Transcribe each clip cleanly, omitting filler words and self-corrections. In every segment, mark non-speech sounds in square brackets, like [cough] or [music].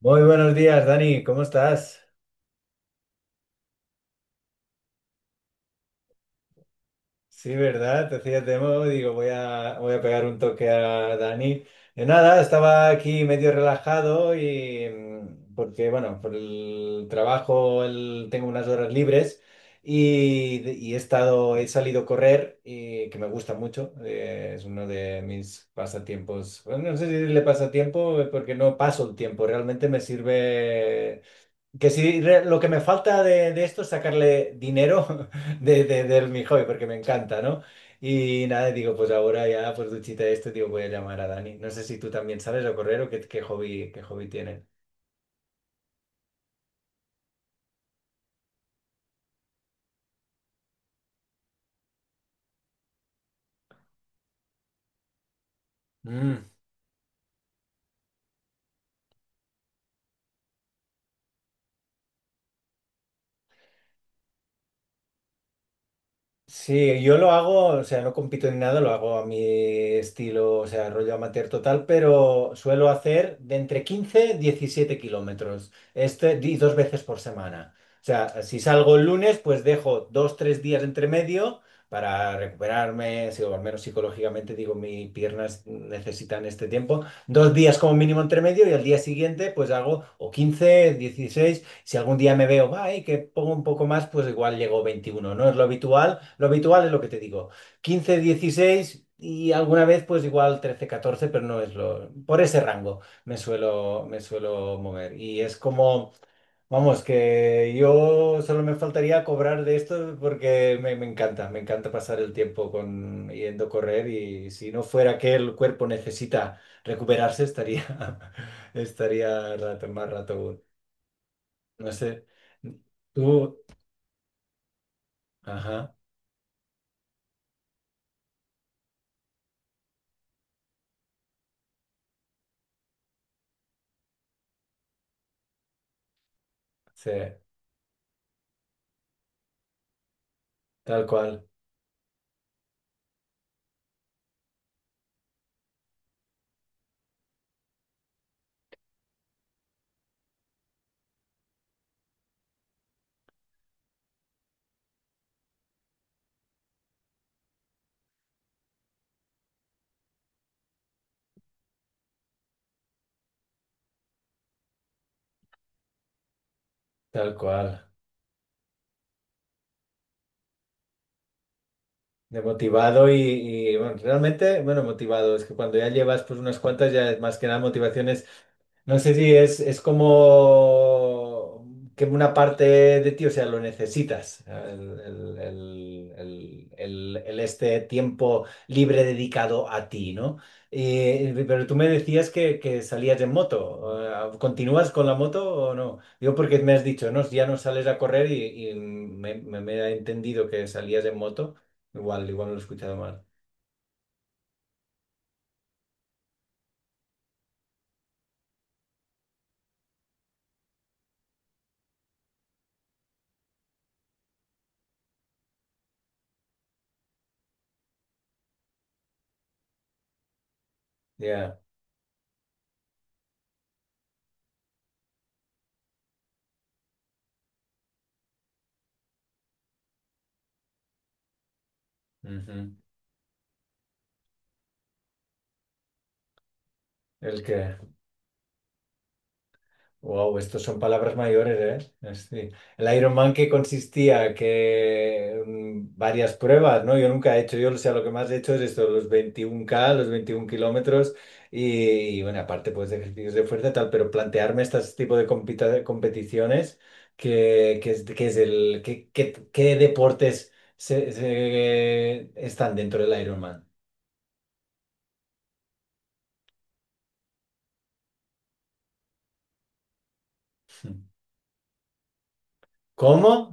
Muy buenos días, Dani, ¿cómo estás? Sí, ¿verdad? Te hacía demo, digo, voy a pegar un toque a Dani. De nada, estaba aquí medio relajado y porque, bueno, por el trabajo tengo unas horas libres y, he salido a correr, y, que me gusta mucho, es uno de mis pasatiempos. Bueno, no sé si le pasatiempo, porque no paso el tiempo, realmente me sirve. Que sí, lo que me falta de, esto es sacarle dinero [laughs] del mi hobby, porque me encanta, ¿no? Y nada, digo, pues ahora ya, pues duchita de esto, digo, voy a llamar a Dani. No sé si tú también sales a correr o qué, qué hobby tienes. Mm. Sí, yo lo hago, o sea, no compito ni nada, lo hago a mi estilo, o sea, rollo amateur total, pero suelo hacer de entre 15 y 17 kilómetros, y dos veces por semana. O sea, si salgo el lunes, pues dejo dos, tres días entre medio para recuperarme, o al menos psicológicamente digo, mis piernas necesitan este tiempo, dos días como mínimo entre medio y al día siguiente pues hago o 15 16. Si algún día me veo, ay, que pongo un poco más, pues igual llego 21, ¿no? Es lo habitual. Lo habitual es lo que te digo. 15, 16 y alguna vez pues igual 13, 14, pero no es lo... Por ese rango me suelo mover. Y es como, vamos, que yo solo me faltaría cobrar de esto porque me encanta pasar el tiempo con, yendo a correr y si no fuera que el cuerpo necesita recuperarse, estaría, [laughs] estaría rato, más rato. No sé, tú, ajá, sí, tal cual, tal cual. De motivado y, bueno, realmente, bueno, motivado, es que cuando ya llevas pues unas cuantas ya es más que nada motivaciones. No sé si es como que una parte de ti, o sea, lo necesitas, el este tiempo libre dedicado a ti, ¿no? Pero tú me decías que salías en moto. ¿Continúas con la moto o no? Yo porque me has dicho, no, si ya no sales a correr y, me, me he entendido que salías en moto. Igual, igual no lo he escuchado mal. Ya. Ujú. El que... Wow, estos son palabras mayores, ¿eh? Sí. El Ironman que consistía que varias pruebas, ¿no? Yo nunca he hecho, yo o sea, lo que más he hecho es esto, los 21 kilómetros. Y, bueno, aparte pues de ejercicios de fuerza y tal, pero plantearme este tipo de competiciones, que es el, que- ¿qué deportes están dentro del Ironman? ¿Cómo?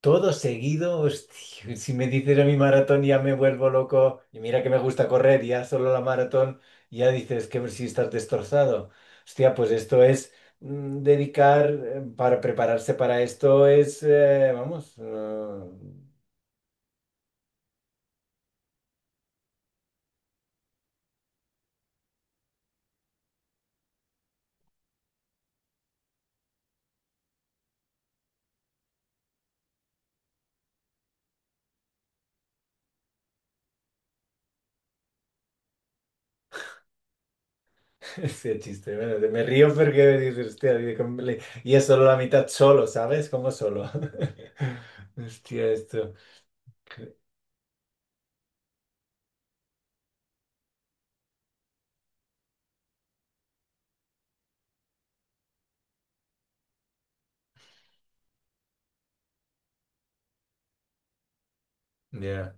Todo seguido, hostia, si me dices a mi maratón ya me vuelvo loco y mira que me gusta correr, ya solo la maratón, ya dices que si estás destrozado. Hostia, pues esto es, dedicar, para prepararse para esto es, vamos, [laughs] sí, chiste, bueno, me río porque dices, hostia, dice, "Cómo le-". Y es solo la mitad solo, ¿sabes? Como solo. [laughs] Hostia, esto. Ya.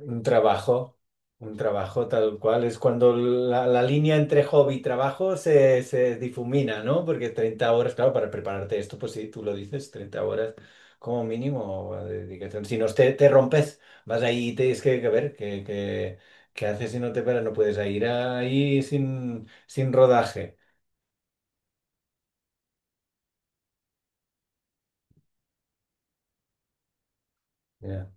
Un trabajo, un trabajo tal cual. Es cuando la línea entre hobby y trabajo se difumina, ¿no? Porque 30 horas, claro, para prepararte esto, pues sí, tú lo dices, 30 horas como mínimo de dedicación. Si no, te rompes, vas ahí y tienes que ver qué haces si no te paras, no puedes ir ahí sin rodaje. Ya.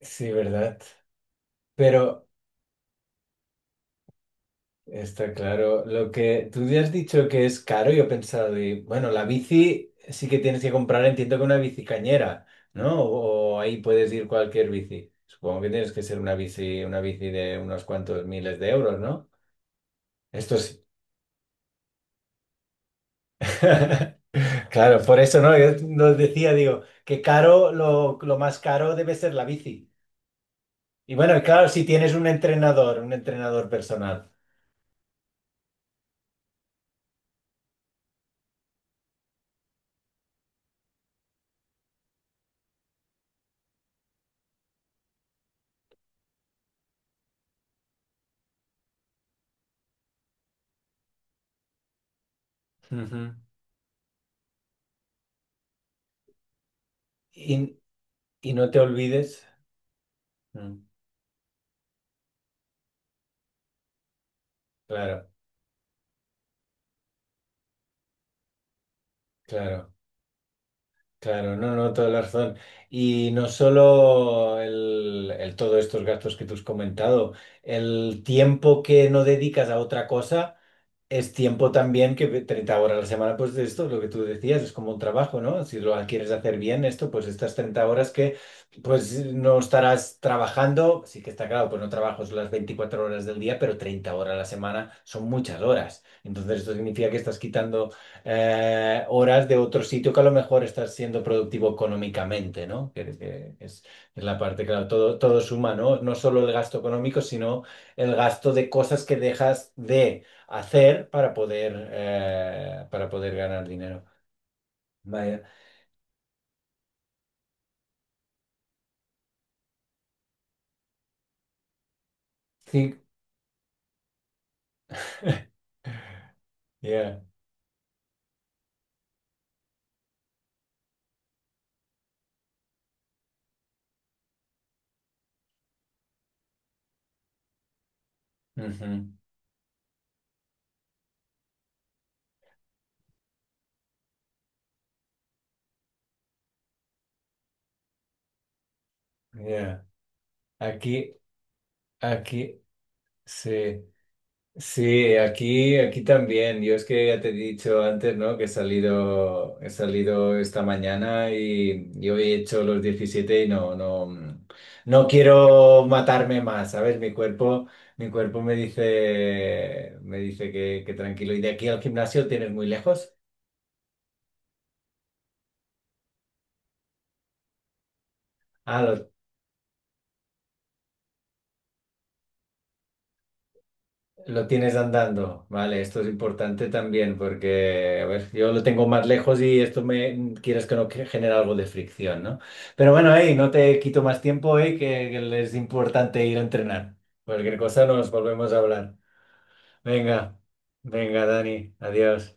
Sí, ¿verdad? Pero, está claro. Lo que tú ya has dicho que es caro, yo he pensado, de, bueno, la bici sí que tienes que comprar, entiendo que una bici cañera, ¿no? O ahí puedes ir cualquier bici. Supongo que tienes que ser una bici de unos cuantos miles de euros, ¿no? Esto sí. [laughs] Claro, por eso, ¿no? Yo nos decía, digo, que caro, lo más caro debe ser la bici. Y bueno, y claro, si tienes un entrenador personal. Ujú. Y, no te olvides. Mm, Claro, claro. Claro, no, no, toda la razón. Y no solo todos estos gastos que tú has comentado, el tiempo que no dedicas a otra cosa es tiempo también que 30 horas a la semana, pues de esto, lo que tú decías, es como un trabajo, ¿no? Si lo quieres hacer bien esto, pues estas 30 horas que pues no estarás trabajando, sí que está claro, pues no trabajas las 24 horas del día, pero 30 horas a la semana son muchas horas. Entonces esto significa que estás quitando, horas de otro sitio que a lo mejor estás siendo productivo económicamente, ¿no? Que es la parte, claro, todo, todo suma, ¿no? No solo el gasto económico, sino el gasto de cosas que dejas de hacer para poder ganar dinero. Vaya. Sí. Yeah. Ujú. Yeah. Aquí, aquí, sí. Sí, aquí, aquí también. Yo es que ya te he dicho antes, ¿no? Que he salido esta mañana y yo he hecho los 17 y no quiero matarme más, ¿sabes? Mi cuerpo me dice que tranquilo. ¿Y de aquí al gimnasio tienes muy lejos? Ah, lo tienes andando, vale, esto es importante también porque, a ver, yo lo tengo más lejos y esto me quieres que no que genera algo de fricción, ¿no? Pero bueno, hey, no te quito más tiempo, hey, que es importante ir a entrenar. Cualquier cosa nos volvemos a hablar. Venga, venga, Dani, adiós.